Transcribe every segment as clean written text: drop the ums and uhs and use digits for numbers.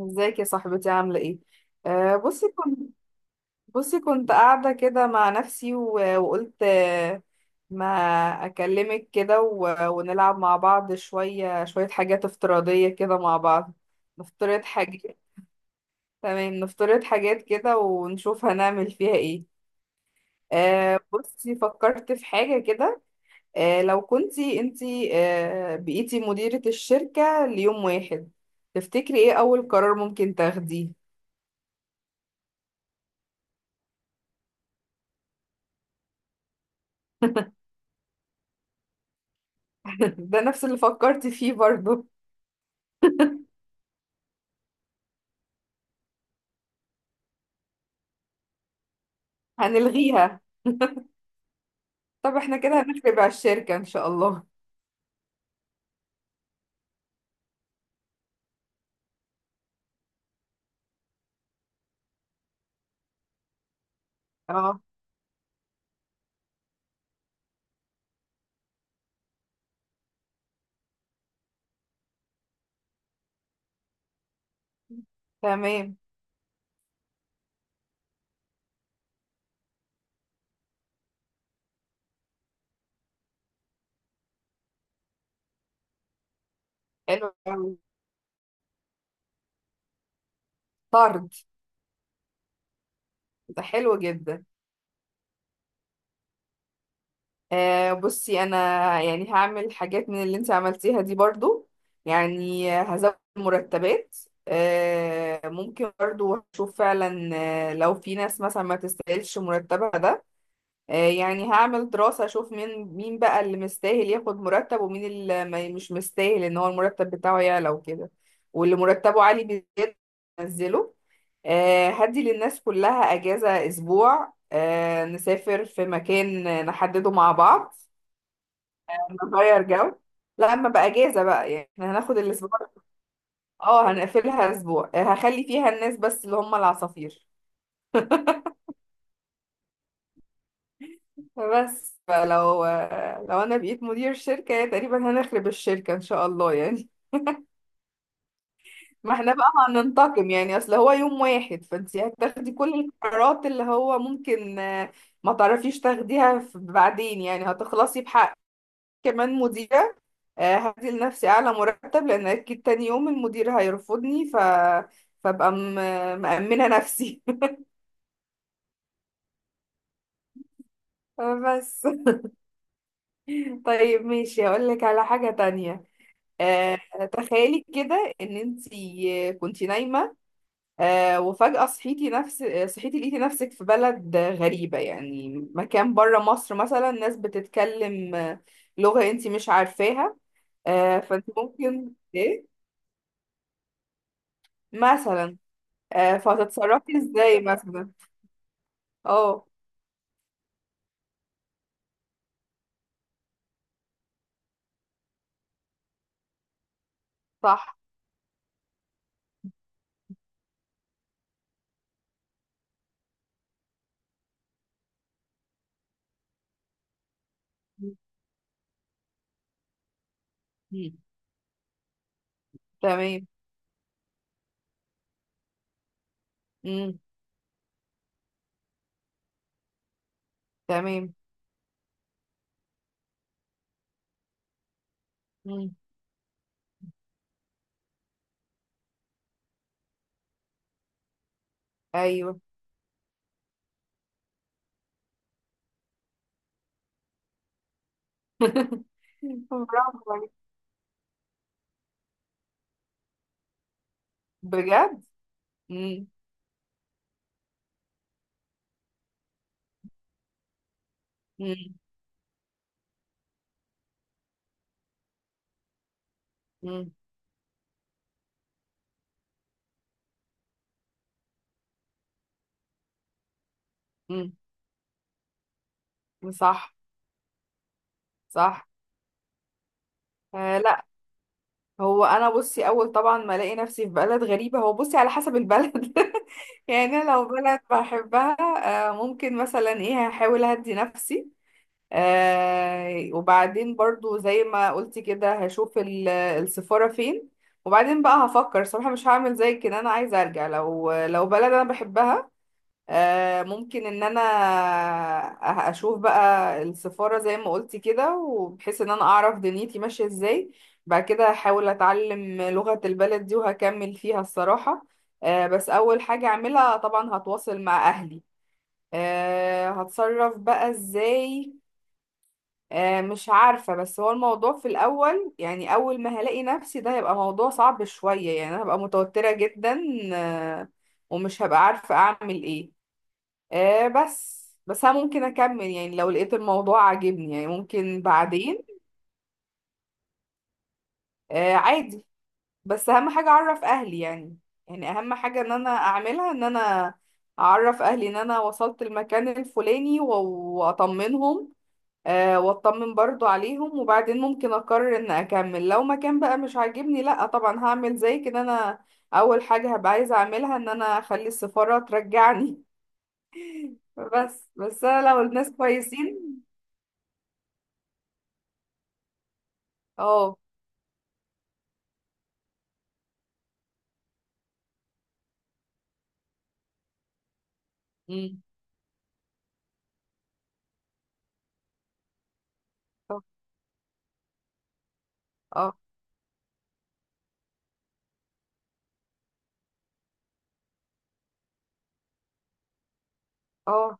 ازيك يا صاحبتي عاملة ايه؟ آه بصي كنت بصي كنت قاعدة كده مع نفسي وقلت، ما أكلمك كده ونلعب مع بعض شوية شوية حاجات افتراضية كده مع بعض. نفترض حاجات. تمام، نفترض حاجات كده ونشوف هنعمل فيها ايه. بصي فكرت في حاجة كده. لو كنتي انتي بقيتي مديرة الشركة ليوم واحد، تفتكري ايه أول قرار ممكن تاخديه؟ ده نفس اللي فكرت فيه برضو. هنلغيها. طب احنا كده هنخرب على الشركة ان شاء الله. اه، تمام. حلو أوي. طرد. ده حلو جدا. بصي انا، يعني هعمل حاجات من اللي انت عملتيها دي برضو، يعني هزود مرتبات. ممكن برضو هشوف فعلا، لو في ناس مثلا ما تستاهلش مرتبها ده. يعني هعمل دراسة اشوف مين مين بقى اللي مستاهل ياخد مرتب، ومين اللي مش مستاهل ان هو المرتب بتاعه يعلى وكده. واللي مرتبه عالي بيزيد انزله. هدي للناس كلها اجازة اسبوع، نسافر في مكان نحدده مع بعض. نغير جو. لا، اما بقى اجازة بقى يعني احنا هناخد الاسبوع. اه، هنقفلها اسبوع، هخلي فيها الناس بس اللي هم العصافير. بس لو انا بقيت مدير شركة يا تقريبا هنخرب الشركة ان شاء الله يعني. ما احنا بقى هننتقم يعني، اصل هو يوم واحد، فانت هتاخدي كل القرارات اللي هو ممكن ما تعرفيش تاخديها بعدين، يعني هتخلصي بحق كمان مديرة. هدي لنفسي اعلى مرتب لان اكيد تاني يوم المدير هيرفضني، فابقى مأمنة نفسي. بس. طيب ماشي، هقول لك على حاجة تانية. آه، تخيلي كده ان انت كنتي نايمه، وفجاه صحيتي، صحيتي لقيتي نفسك في بلد غريبه، يعني مكان بره مصر مثلا، ناس بتتكلم، لغه انت مش عارفاها. فانت ممكن ايه مثلا؟ فهتتصرفي ازاي مثلا؟ اه، صح. مم. تمام. مم. تمام. مم. ايوه. برافو عليكي. بجد. مم. مم. مم. مم. صح، صح. آه، لا. هو انا بصي اول طبعا ما الاقي نفسي في بلد غريبه، هو بصي على حسب البلد. يعني انا لو بلد بحبها، ممكن مثلا ايه، هحاول اهدي نفسي. وبعدين برضو زي ما قلتي كده، هشوف السفاره فين. وبعدين بقى هفكر صراحه، مش هعمل زي كده، انا عايزه ارجع. لو بلد انا بحبها، ممكن ان انا اشوف بقى السفارة زي ما قلتي كده، وبحيث ان انا اعرف دنيتي ماشية ازاي. بعد كده احاول اتعلم لغة البلد دي وهكمل فيها الصراحة. بس اول حاجة اعملها طبعا هتواصل مع اهلي. هتصرف بقى ازاي. مش عارفة، بس هو الموضوع في الاول، يعني اول ما هلاقي نفسي، ده هيبقى موضوع صعب شوية، يعني أنا هبقى متوترة جدا، آه، ومش هبقى عارفة اعمل ايه. بس بس انا ممكن اكمل يعني لو لقيت الموضوع عاجبني يعني ممكن بعدين. عادي. بس اهم حاجة اعرف اهلي يعني. يعني اهم حاجة ان انا اعملها، ان انا اعرف اهلي ان انا وصلت المكان الفلاني، واطمنهم، واطمن برضو عليهم. وبعدين ممكن اقرر ان اكمل لو مكان بقى مش عاجبني. لا طبعا، هعمل زي كده، انا اول حاجة هبقى عايزة اعملها ان انا اخلي السفارة ترجعني. بس، بس انا لو الناس كويسين. اه. اه. اه. اه.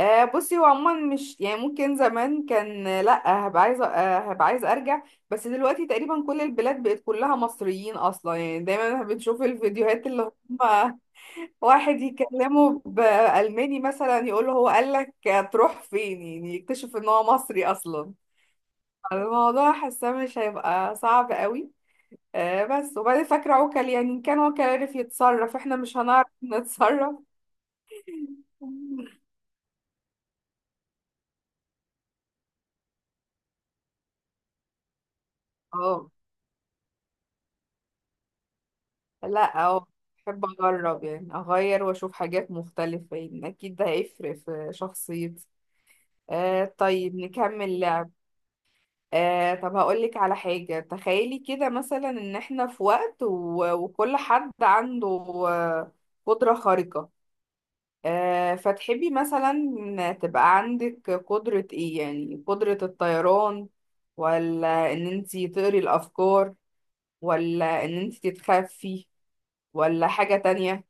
بصي هو عموما مش يعني ممكن زمان كان، لا هبقى عايزه، هبقى عايزه ارجع. بس دلوقتي تقريبا كل البلاد بقت كلها مصريين اصلا، يعني دايما بنشوف الفيديوهات اللي هم. واحد يكلمه بالماني مثلا يقول له، هو قال لك تروح فين، يعني يكتشف ان هو مصري اصلا. الموضوع حاسه مش هيبقى صعب قوي، بس وبعدين فاكره عوكل، يعني ان كان عوكل عرف يتصرف، احنا مش هنعرف نتصرف؟ اه، لا، اه. بحب اجرب يعني اغير واشوف حاجات مختلفة، يعني اكيد ده هيفرق في شخصيتي. طيب نكمل لعب. طب هقولك على حاجة، تخيلي كده مثلا ان احنا في وقت وكل حد عنده، آه، قدرة خارقة. فتحبي مثلا تبقى عندك قدرة ايه، يعني قدرة الطيران، ولا ان انتي تقري الافكار، ولا ان انتي تتخفي، ولا حاجة تانية؟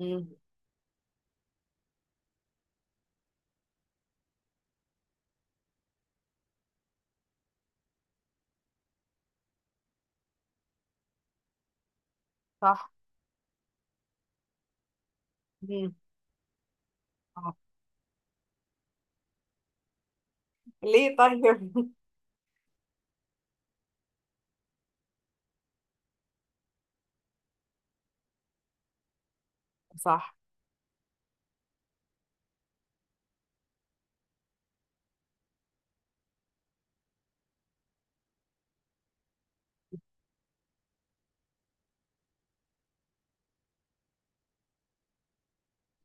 مم. صح. مم. آه. ليه طيب؟ صح،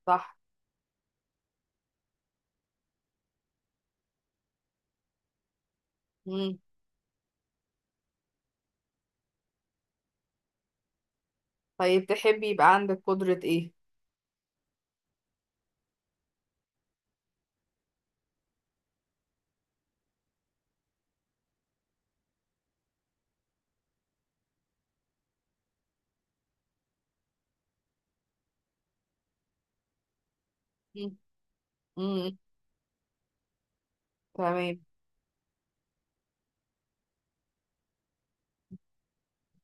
صح. مم. طيب تحبي يبقى عندك قدرة ايه؟ مم. مم. تمام،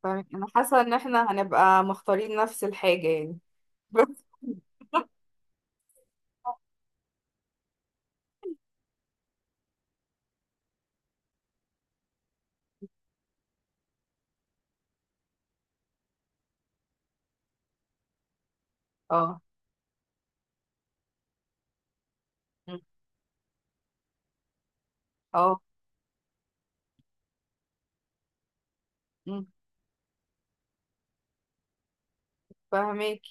تمام، انا حاسة ان احنا هنبقى مختارين نفس الحاجة يعني. بس. اه، مم. اه، مم. فاهمك.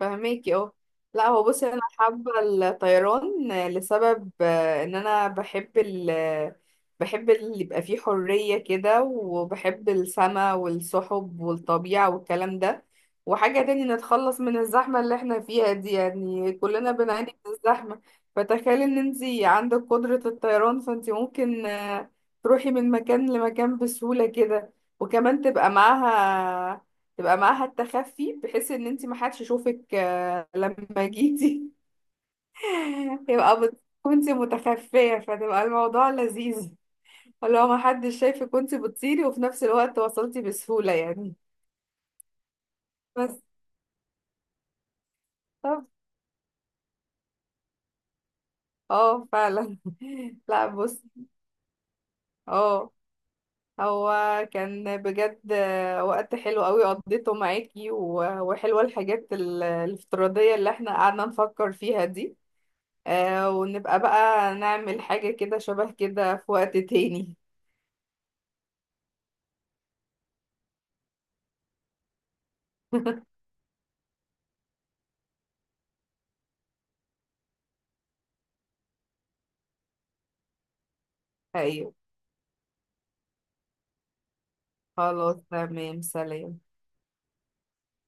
فهماكي، اه. لا، هو بصي انا حابه الطيران لسبب، ان انا بحب بحب اللي يبقى فيه حريه كده، وبحب السما والسحب والطبيعه والكلام ده. وحاجه تاني نتخلص من الزحمه اللي احنا فيها دي، يعني كلنا بنعاني من الزحمه. فتخيلي ان انتي عندك قدره الطيران، فانتي ممكن تروحي من مكان لمكان بسهوله كده، وكمان تبقى معاها، تبقى معاها التخفي، بحيث ان انت ما حدش يشوفك لما جيتي. يبقى كنت متخفية فتبقى الموضوع لذيذ، اللي هو ما حدش شايفك كنت بتطيري، وفي نفس الوقت وصلتي بسهولة يعني. بس. طب. اه، فعلا. لا بص. اه. هو كان بجد وقت حلو قوي قضيته معاكي وحلوة الحاجات الافتراضية اللي احنا قعدنا نفكر فيها دي. ونبقى بقى نعمل حاجة كده شبه كده في وقت تاني. أيوة. خلاص، تمام. سلام.